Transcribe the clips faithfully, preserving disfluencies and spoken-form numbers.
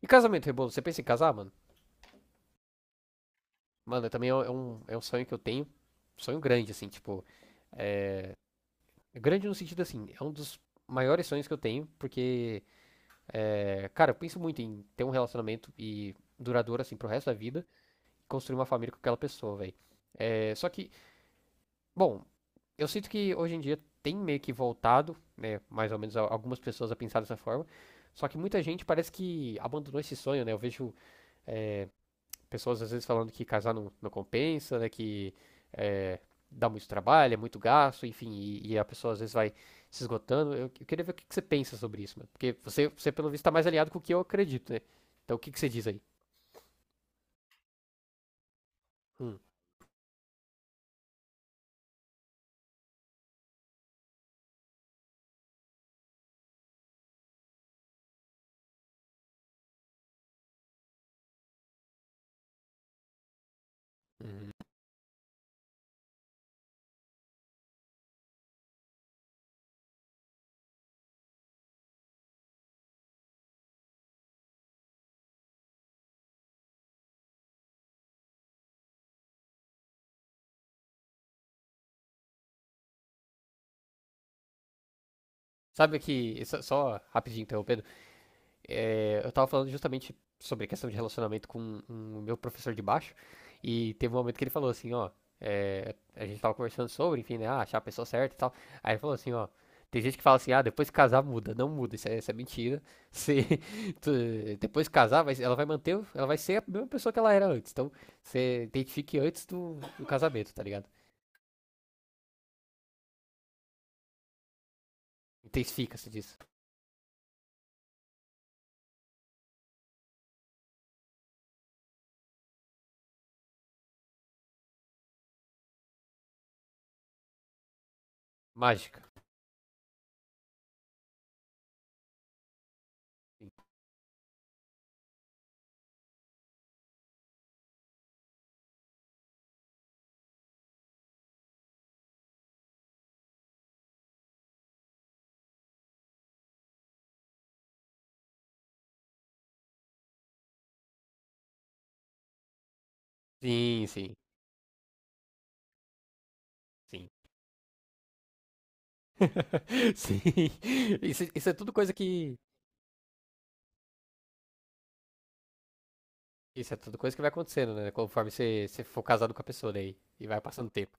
E casamento, Rebolo, você pensa em casar, mano? Mano, também é um, é um é um sonho que eu tenho. Sonho grande, assim, tipo. Grande no sentido assim, é um dos maiores sonhos que eu tenho, porque, é, cara, eu penso muito em ter um relacionamento e duradouro, assim, pro resto da vida, construir uma família com aquela pessoa, velho. É, só que, bom, eu sinto que hoje em dia tem meio que voltado, né, mais ou menos a- algumas pessoas a pensar dessa forma. Só que muita gente parece que abandonou esse sonho, né? Eu vejo pessoas às vezes falando que casar não, não compensa, né? Que é, dá muito trabalho, é muito gasto, enfim, e, e a pessoa às vezes vai se esgotando. Eu, eu queria ver o que, que você pensa sobre isso, mano. Porque você, você pelo visto, tá mais alinhado com o que eu acredito, né? Então o que, que você diz aí? Hum, hum. Sabe que. só- Só rapidinho interrompendo. é, eu tava falando justamente sobre a questão de relacionamento com o meu professor de baixo, e teve um momento que ele falou assim, ó, é, a gente tava conversando sobre, enfim, né, ah, achar a pessoa certa e tal, aí ele falou assim, ó, tem gente que fala assim, ah, depois que casar muda, não muda, isso é, isso é mentira, se, tu- depois que casar, vai- ela vai manter, ela vai ser a mesma pessoa que ela era antes, então você identifique antes do, do casamento, tá ligado? Intensifica-se disso. Mágica. Sim, sim, sim. Sim. Sim. Isso, isso é tudo coisa que Isso é tudo coisa que vai acontecendo, né? Conforme você, você for casado com a pessoa daí. E vai passando tempo.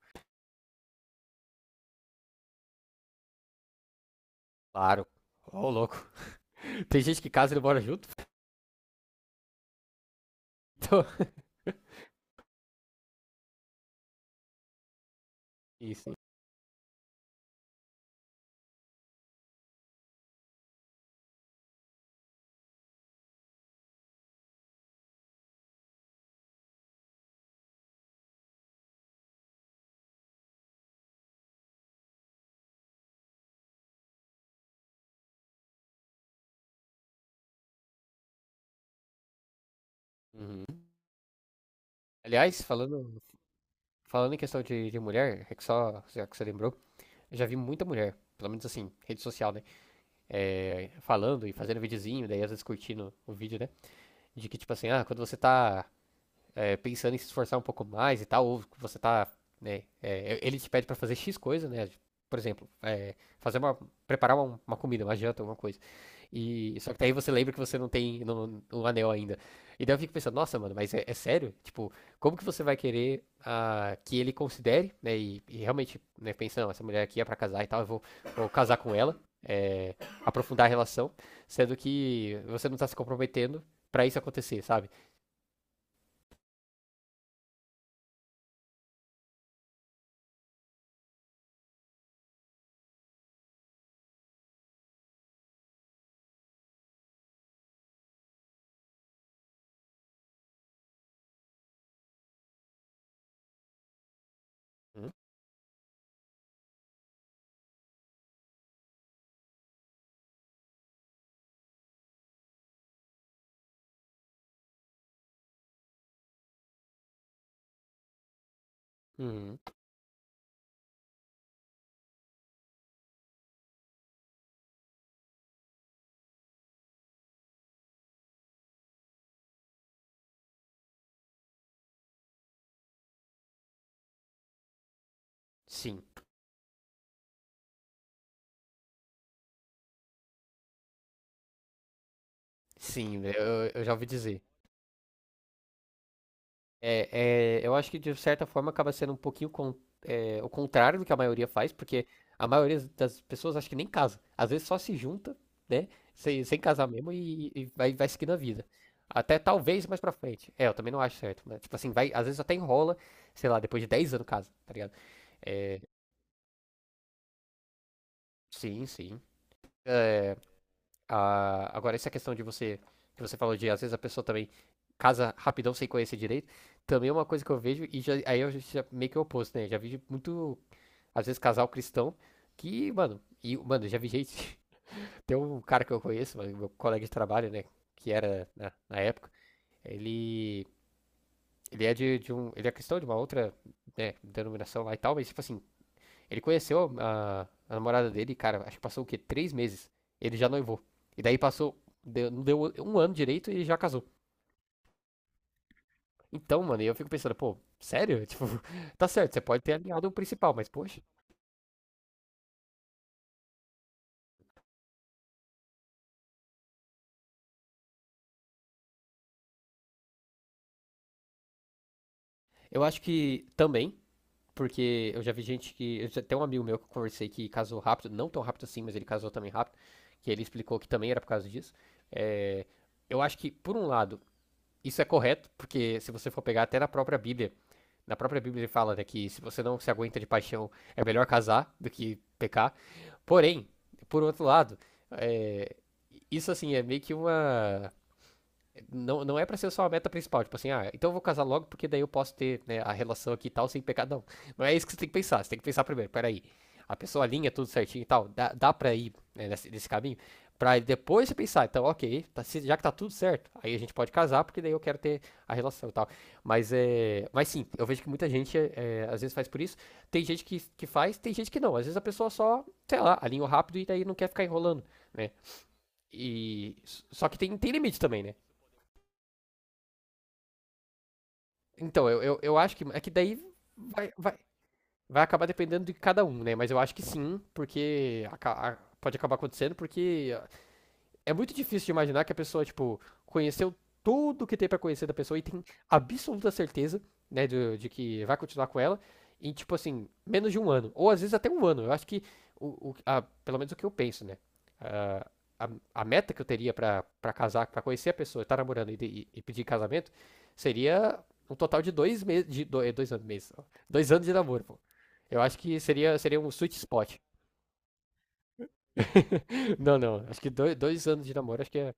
Claro. Ô, louco. Tem gente que casa e não mora junto. Então, isso. Uhum. Aliás, falando, falando em questão de, de mulher, é que só já que você lembrou, eu já vi muita mulher, pelo menos assim, rede social, né? É, falando e fazendo videozinho, daí às vezes curtindo o vídeo, né? De que, tipo assim, ah, quando você tá é, pensando em se esforçar um pouco mais e tal, ou você tá, né, é, é, ele te pede para fazer X coisa, né, por exemplo, é, fazer uma, preparar uma, uma comida, uma janta, alguma coisa. E só que daí você lembra que você não tem no, um anel ainda. E daí eu fico pensando, nossa, mano, mas é, é sério? Tipo, como que você vai querer ah, que ele considere, né? E, e realmente, né, pensando, essa mulher aqui é pra casar e tal, eu vou, vou casar com ela, é, aprofundar a relação, sendo que você não tá se comprometendo pra isso acontecer, sabe? Hum, Sim, sim, né, eu, eu já ouvi dizer. É, é, eu acho que de certa forma acaba sendo um pouquinho con- é, o contrário do que a maioria faz, porque a maioria das pessoas acho que nem casa. Às vezes só se junta, né? Sem, sem casar mesmo e, e vai, vai seguindo a vida. Até talvez mais pra frente. É, eu também não acho certo, né? Tipo assim, vai, às vezes até enrola, sei lá, depois de dez anos casa, tá ligado? É, sim, sim. É, ah, agora, essa questão de você, que você falou de, às vezes a pessoa também casa rapidão sem conhecer direito, também é uma coisa que eu vejo, e já, aí eu já meio que é o oposto, né? Já vi muito, às vezes, casal cristão que, mano, e, mano, já vi gente. Tem um cara que eu conheço, mano, meu colega de trabalho, né? Que era na, na época, ele. Ele é de, de um. Ele é cristão de uma outra, né, denominação lá e tal, mas tipo assim, ele conheceu a, a namorada dele, cara, acho que passou o quê? Três meses. Ele já noivou. E daí passou. Deu, não deu um ano direito e já casou. Então, mano, eu fico pensando, pô, sério? Tipo, tá certo, você pode ter alinhado o principal, mas poxa. Eu acho que também, porque eu já vi gente que. Eu já, tem um amigo meu que eu conversei que casou rápido, não tão rápido assim, mas ele casou também rápido, que ele explicou que também era por causa disso. É, eu acho que, por um lado, isso é correto, porque se você for pegar até na própria Bíblia, na própria Bíblia ele fala né, que se você não se aguenta de paixão, é melhor casar do que pecar. Porém, por outro lado, é, isso assim é meio que uma não, não é pra ser só a meta principal, tipo assim, ah, então eu vou casar logo porque daí eu posso ter né, a relação aqui e tal sem pecar. Não, não é isso que você tem que pensar, você tem que pensar primeiro, peraí, a pessoa alinha tudo certinho e tal, dá, dá pra ir né, nesse, nesse caminho, pra depois você pensar, então, ok, tá, já que tá tudo certo, aí a gente pode casar porque daí eu quero ter a relação e tal. Mas, é, mas sim, eu vejo que muita gente é, às vezes faz por isso, tem gente que, que faz, tem gente que não, às vezes a pessoa só, sei lá, alinha rápido e daí não quer ficar enrolando, né? E, só que tem, tem limite também, né? Então, eu, eu, eu acho que. É que daí vai, vai, vai acabar dependendo de cada um, né? Mas eu acho que sim, porque aca- a- pode acabar acontecendo, porque é muito difícil de imaginar que a pessoa, tipo, conheceu tudo que tem pra conhecer da pessoa e tem absoluta certeza, né, de, de que vai continuar com ela em, tipo assim, menos de um ano. Ou às vezes até um ano. Eu acho que, o, o- a- pelo menos o que eu penso, né? Ah, a, a meta que eu teria pra pra casar, pra conhecer a pessoa, estar namorando e, de- e- e pedir casamento, seria um total de dois meses, de do- eh, dois anos, meses, ó. Dois anos de namoro, pô. Eu acho que seria, seria um sweet spot. Não, não. Acho que dois, dois anos de namoro, acho que é.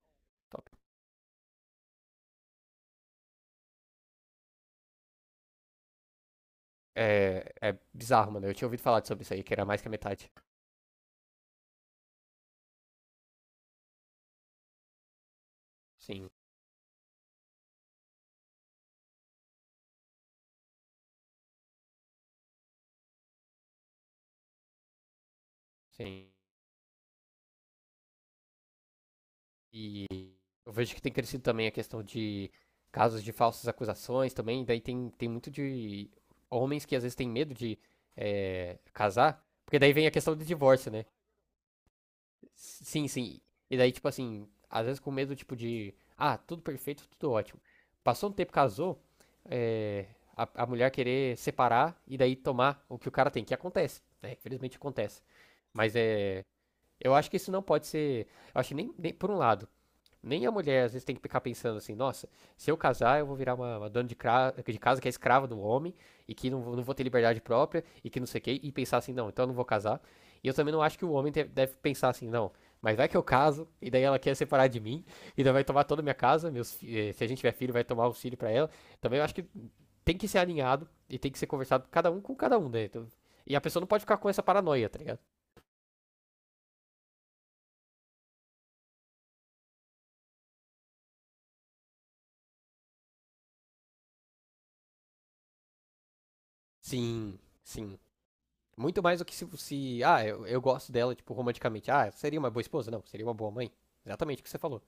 É, é bizarro, mano. Eu tinha ouvido falar sobre isso aí, que era mais que a metade. Sim, sim. E eu vejo que tem crescido também a questão de casos de falsas acusações também. Daí tem, tem muito de homens que às vezes têm medo de é, casar, porque daí vem a questão do divórcio, né? Sim, sim. E daí, tipo assim, às vezes com medo, tipo, de. Ah, tudo perfeito, tudo ótimo. Passou um tempo, casou, é, a, a mulher querer separar e daí tomar o que o cara tem, que acontece, né? Infelizmente acontece. Mas é. Eu acho que isso não pode ser. Eu acho que nem, nem por um lado. Nem a mulher às vezes tem que ficar pensando assim, nossa, se eu casar eu vou virar uma, uma dona de, cra- de casa que é escrava do homem e que não, vou- não vou ter liberdade própria e que não sei o quê, e pensar assim, não, então eu não vou casar. E eu também não acho que o homem te- deve pensar assim, não, mas vai que eu caso e daí ela quer separar de mim e daí vai tomar toda a minha casa, meus, fi- eh, se a gente tiver filho vai tomar auxílio pra ela. Também eu acho que tem que ser alinhado e tem que ser conversado cada um com cada um, né? Então, e a pessoa não pode ficar com essa paranoia, tá ligado? Sim, sim. Muito mais do que se. se ah, eu, eu gosto dela, tipo, romanticamente. Ah, seria uma boa esposa? Não, seria uma boa mãe. Exatamente o que você falou.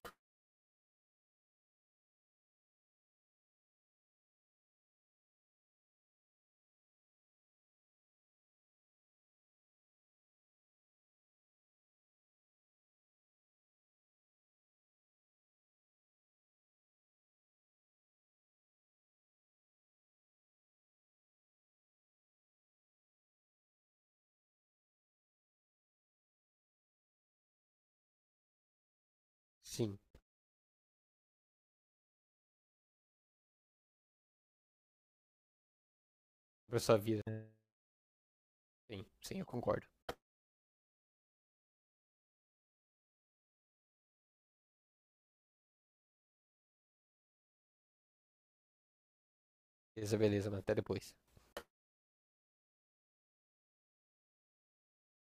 Sim, pra sua vida. Sim, sim, eu concordo. Beleza, beleza, mas até depois.